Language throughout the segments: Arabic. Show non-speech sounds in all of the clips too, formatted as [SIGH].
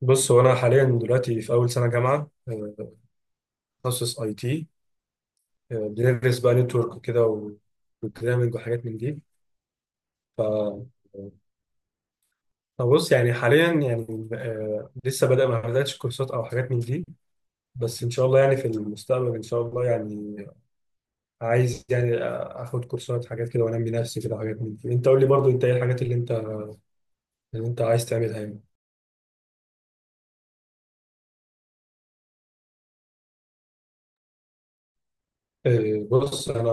بص هو انا حاليا دلوقتي في اول سنه جامعه، تخصص IT. بندرس بقى نتورك وكده و- وبروجرامنج وحاجات من دي. ف فبص يعني حاليا يعني، لسه بدأ ما بدأتش كورسات او حاجات من دي. بس ان شاء الله يعني في المستقبل ان شاء الله يعني عايز يعني، اخد كورسات حاجات كده وانمي نفسي كده حاجات من دي. انت قول لي برضو انت ايه الحاجات اللي انت عايز تعملها يعني؟ بص انا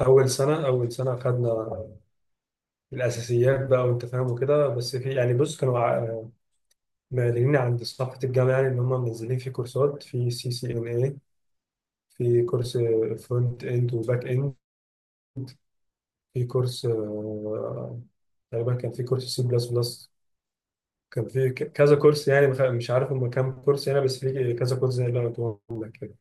اول سنه خدنا الاساسيات بقى وانت فاهم وكده. بس في يعني بص كانوا معلنين عند صفحه الجامعه يعني ان هم منزلين في كورسات، في CCNA، في كورس فرونت اند وباك اند، في كورس، تقريبا كان في كورس C++. كان في كذا كورس يعني، مش عارف هم كام كورس يعني. بس في كذا كورس زي اللي انا قلت لك كده.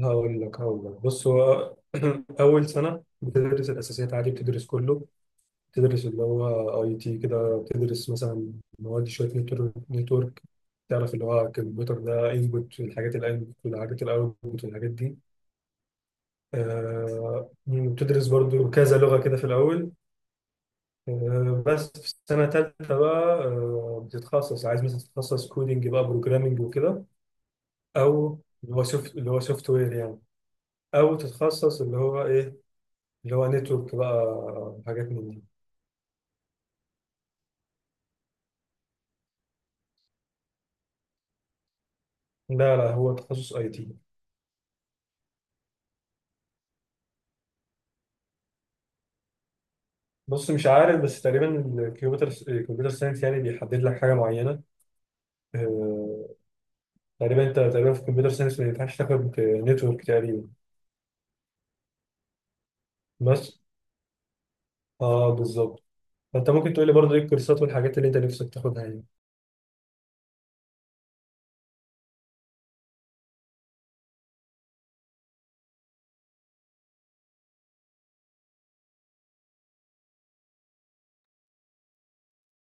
هقول لك بص هو [CLEARS THROAT] اول سنه بتدرس الاساسيات عادي، بتدرس كله. تدرس اللي هو IT كده، بتدرس مثلا مواد شويه نتورك. تعرف اللي هو الكمبيوتر ده انبوت والحاجات الانبوت والحاجات الاوتبوت والحاجات دي. بتدرس برضو كذا لغه كده في الاول. بس في السنه الثالثه بقى، بتتخصص. عايز مثلا تتخصص كودينج بقى، بروجرامنج وكده، او اللي هو سوفت وير يعني، او تتخصص اللي هو ايه، اللي هو نتورك بقى، حاجات من دي. لا لا هو تخصص IT. بص مش عارف بس تقريبا الكمبيوتر ساينس يعني بيحدد لك حاجه معينه. آه، تقريبا انت تقريبا في الكمبيوتر ساينس ما ينفعش تاخد نتورك تقريبا. بس اه بالظبط. فانت ممكن تقول لي برضه ايه الكورسات والحاجات اللي انت نفسك تاخدها يعني؟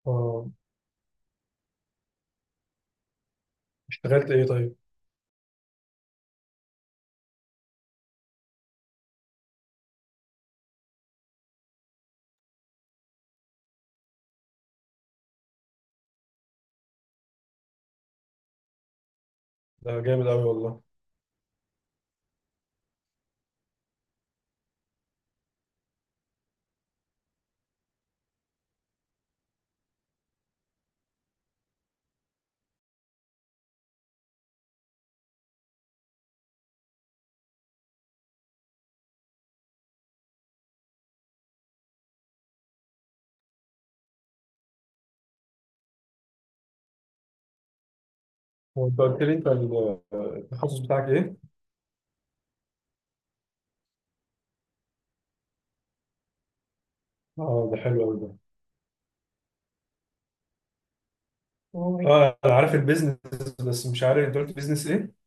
اه اشتغلت ايه طيب؟ ده جامد قوي والله. هو انت قلت لي انت التخصص بتاعك ايه؟ اه ده حلو قوي ده. اه انا عارف البيزنس، بس مش عارف انت قلت بيزنس ايه؟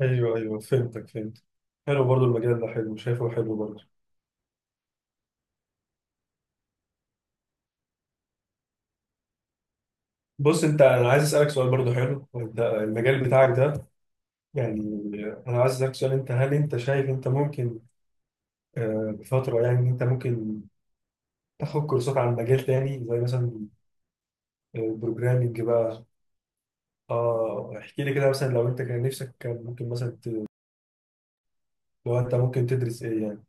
ايوه ايوه فهمتك فهمت. حلو برضه المجال ده، حلو، شايفه حلو برضه. بص انت، انا عايز اسالك سؤال برضو حلو ده المجال بتاعك ده يعني. انا عايز اسالك سؤال، انت هل انت شايف انت ممكن، بفتره يعني، ان انت ممكن تاخد كورسات عن مجال تاني زي مثلا البروجرامنج بقى؟ اه احكي لي كده مثلا لو انت كان نفسك كان ممكن مثلا لو انت ممكن تدرس ايه؟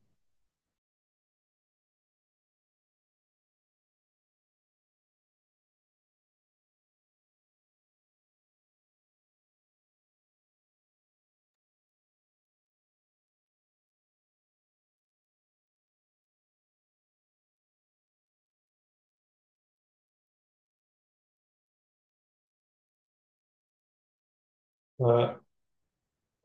يعني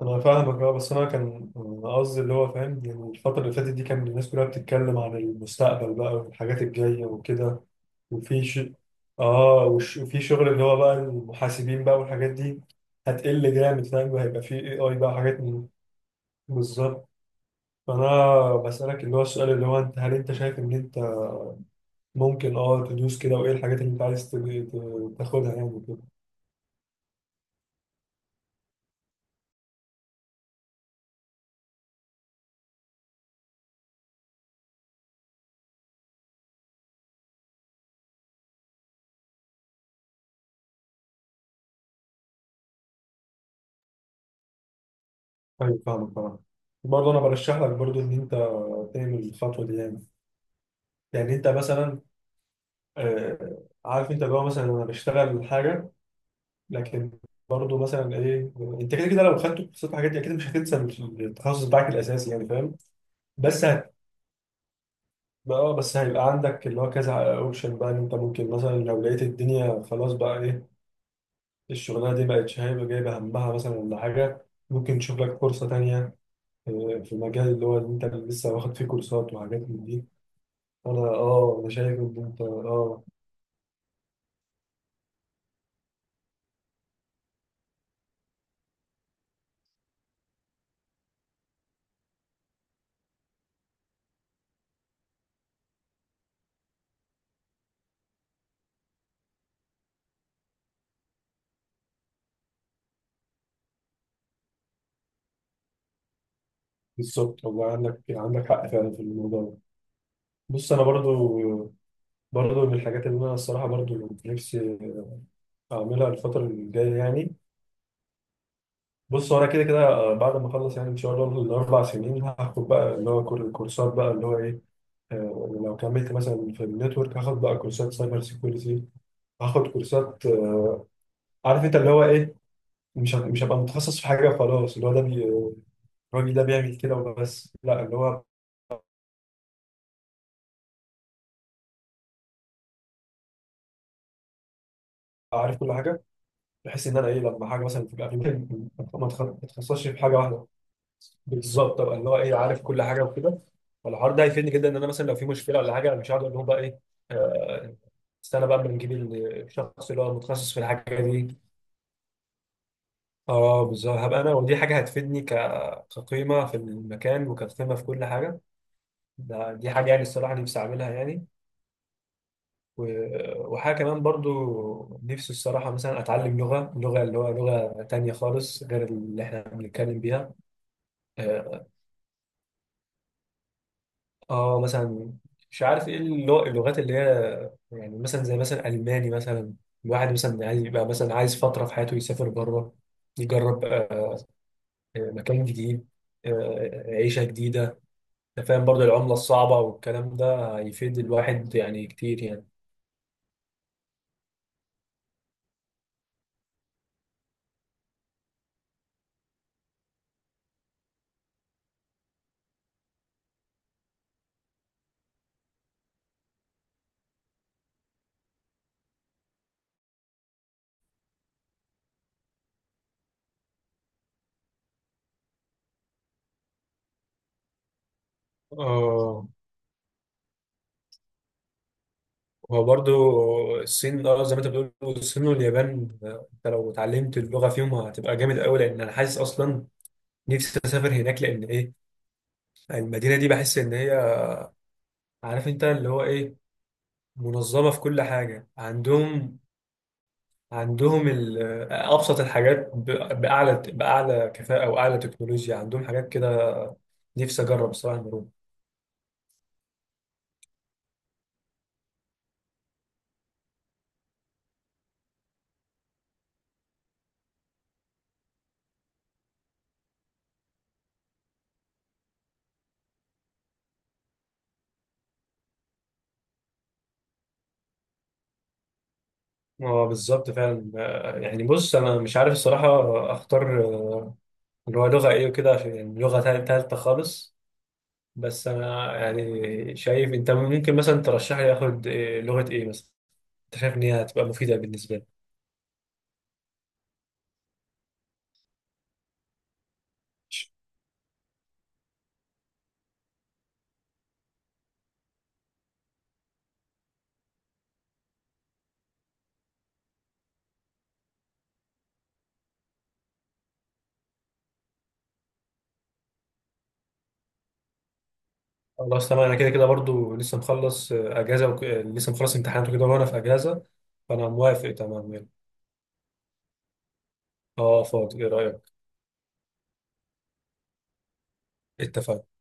انا فاهمك اه، بس انا كان قصدي اللي هو فاهم يعني الفتره اللي فاتت دي كان الناس كلها بتتكلم عن المستقبل بقى والحاجات الجايه وكده. وفي ش... اه وش... وفي شغل اللي هو بقى المحاسبين بقى والحاجات دي هتقل جامد فاهم، وهيبقى في AI بقى حاجات من... بالظبط. فانا بسالك اللي هو السؤال اللي هو، انت هل انت شايف ان انت ممكن اه تدوس كده؟ وايه الحاجات اللي انت عايز تاخدها يعني وكده؟ ايوه فاهمك طبعا. برضه انا برشح لك برضه ان انت تعمل الخطوه دي يعني. يعني انت مثلا، عارف انت اللي هو مثلا انا بشتغل حاجه لكن برضه مثلا ايه. انت كده كده لو خدت كورسات الحاجات دي اكيد مش هتنسى التخصص بتاعك الاساسي يعني فاهم. بس هت... اه بس هيبقى عندك اللي هو كذا اوبشن بقى، ان انت ممكن مثلا لو لقيت الدنيا خلاص بقى ايه الشغلانه دي بقت شايفه جايبه همها مثلا ولا حاجه، ممكن تشوف لك فرصه تانيه، في المجال اللي هو اللي انت لسه واخد فيه كورسات وحاجات من دي. انا شايف ان انت اه بالظبط. والله عندك حق فعلا في الموضوع ده. بص انا برضو من الحاجات اللي انا الصراحه برضو نفسي اعملها الفتره الجايه يعني. بص هو انا كده كده، بعد ما اخلص يعني ان شاء الله الاربع سنين هاخد بقى اللي هو كورسات بقى اللي هو ايه. لو كملت مثلا في النتورك هاخد بقى كورسات سايبر سيكيورتي. هاخد كورسات، عارف انت اللي هو ايه. مش هبقى متخصص في حاجه وخلاص اللي هو ده الراجل ده بيعمل كده وبس. لا، اللي هو أبقى عارف كل حاجه، بحيث ان انا ايه لما حاجه مثلا تبقى ما اتخصصش في حاجه واحده. بالظبط ابقى اللي هو ايه عارف كل حاجه وكده. فالحوار ده هيفيدني جدا ان انا مثلا لو في مشكله ولا حاجه انا مش هقعد اقول لهم بقى ايه، آه، استنى بقى اما نجيب الشخص اللي هو متخصص في الحاجه دي. اه بالظبط. هبقى انا ودي حاجه هتفيدني كقيمه في المكان وكقيمه في كل حاجه. دي حاجه يعني الصراحه نفسي اعملها يعني. و- وحاجه كمان برضو نفسي الصراحه مثلا اتعلم لغه تانية خالص غير اللي احنا بنتكلم بيها. آه، اه مثلا مش عارف ايه اللغات اللي هي يعني مثلا زي مثلا الماني مثلا. الواحد مثلا عايز يبقى مثلا عايز فتره في حياته يسافر بره، يجرب، مكان جديد، عيشه جديده. أنت فاهم برضه العمله الصعبه والكلام ده هيفيد الواحد يعني كتير يعني. اه هو برضه الصين، اه زي ما انت بتقول الصين واليابان، انت لو اتعلمت اللغه فيهم هتبقى جامد قوي، لان انا حاسس اصلا نفسي اسافر هناك. لان ايه؟ المدينه دي بحس ان هي، عارف انت اللي هو ايه، منظمة في كل حاجة عندهم. عندهم أبسط الحاجات بأعلى كفاءة وأعلى تكنولوجيا، عندهم حاجات كده. نفسي أجرب الصراحة المرور. اه بالظبط فعلا. يعني بص أنا مش عارف الصراحة أختار، اللي هو لغة إيه وكده، عشان يعني لغة تالتة خالص. بس أنا يعني شايف أنت ممكن مثلا ترشح لي آخد، لغة إيه مثلا أنت شايف إن هي هتبقى مفيدة بالنسبة لي؟ خلاص تمام. انا كده كده برضو لسه مخلص، اجازه وك... آه، لسه مخلص امتحانات وكده وانا في اجازه. فانا موافق تمام يلا. اه فاضي ايه رايك؟ اتفقنا.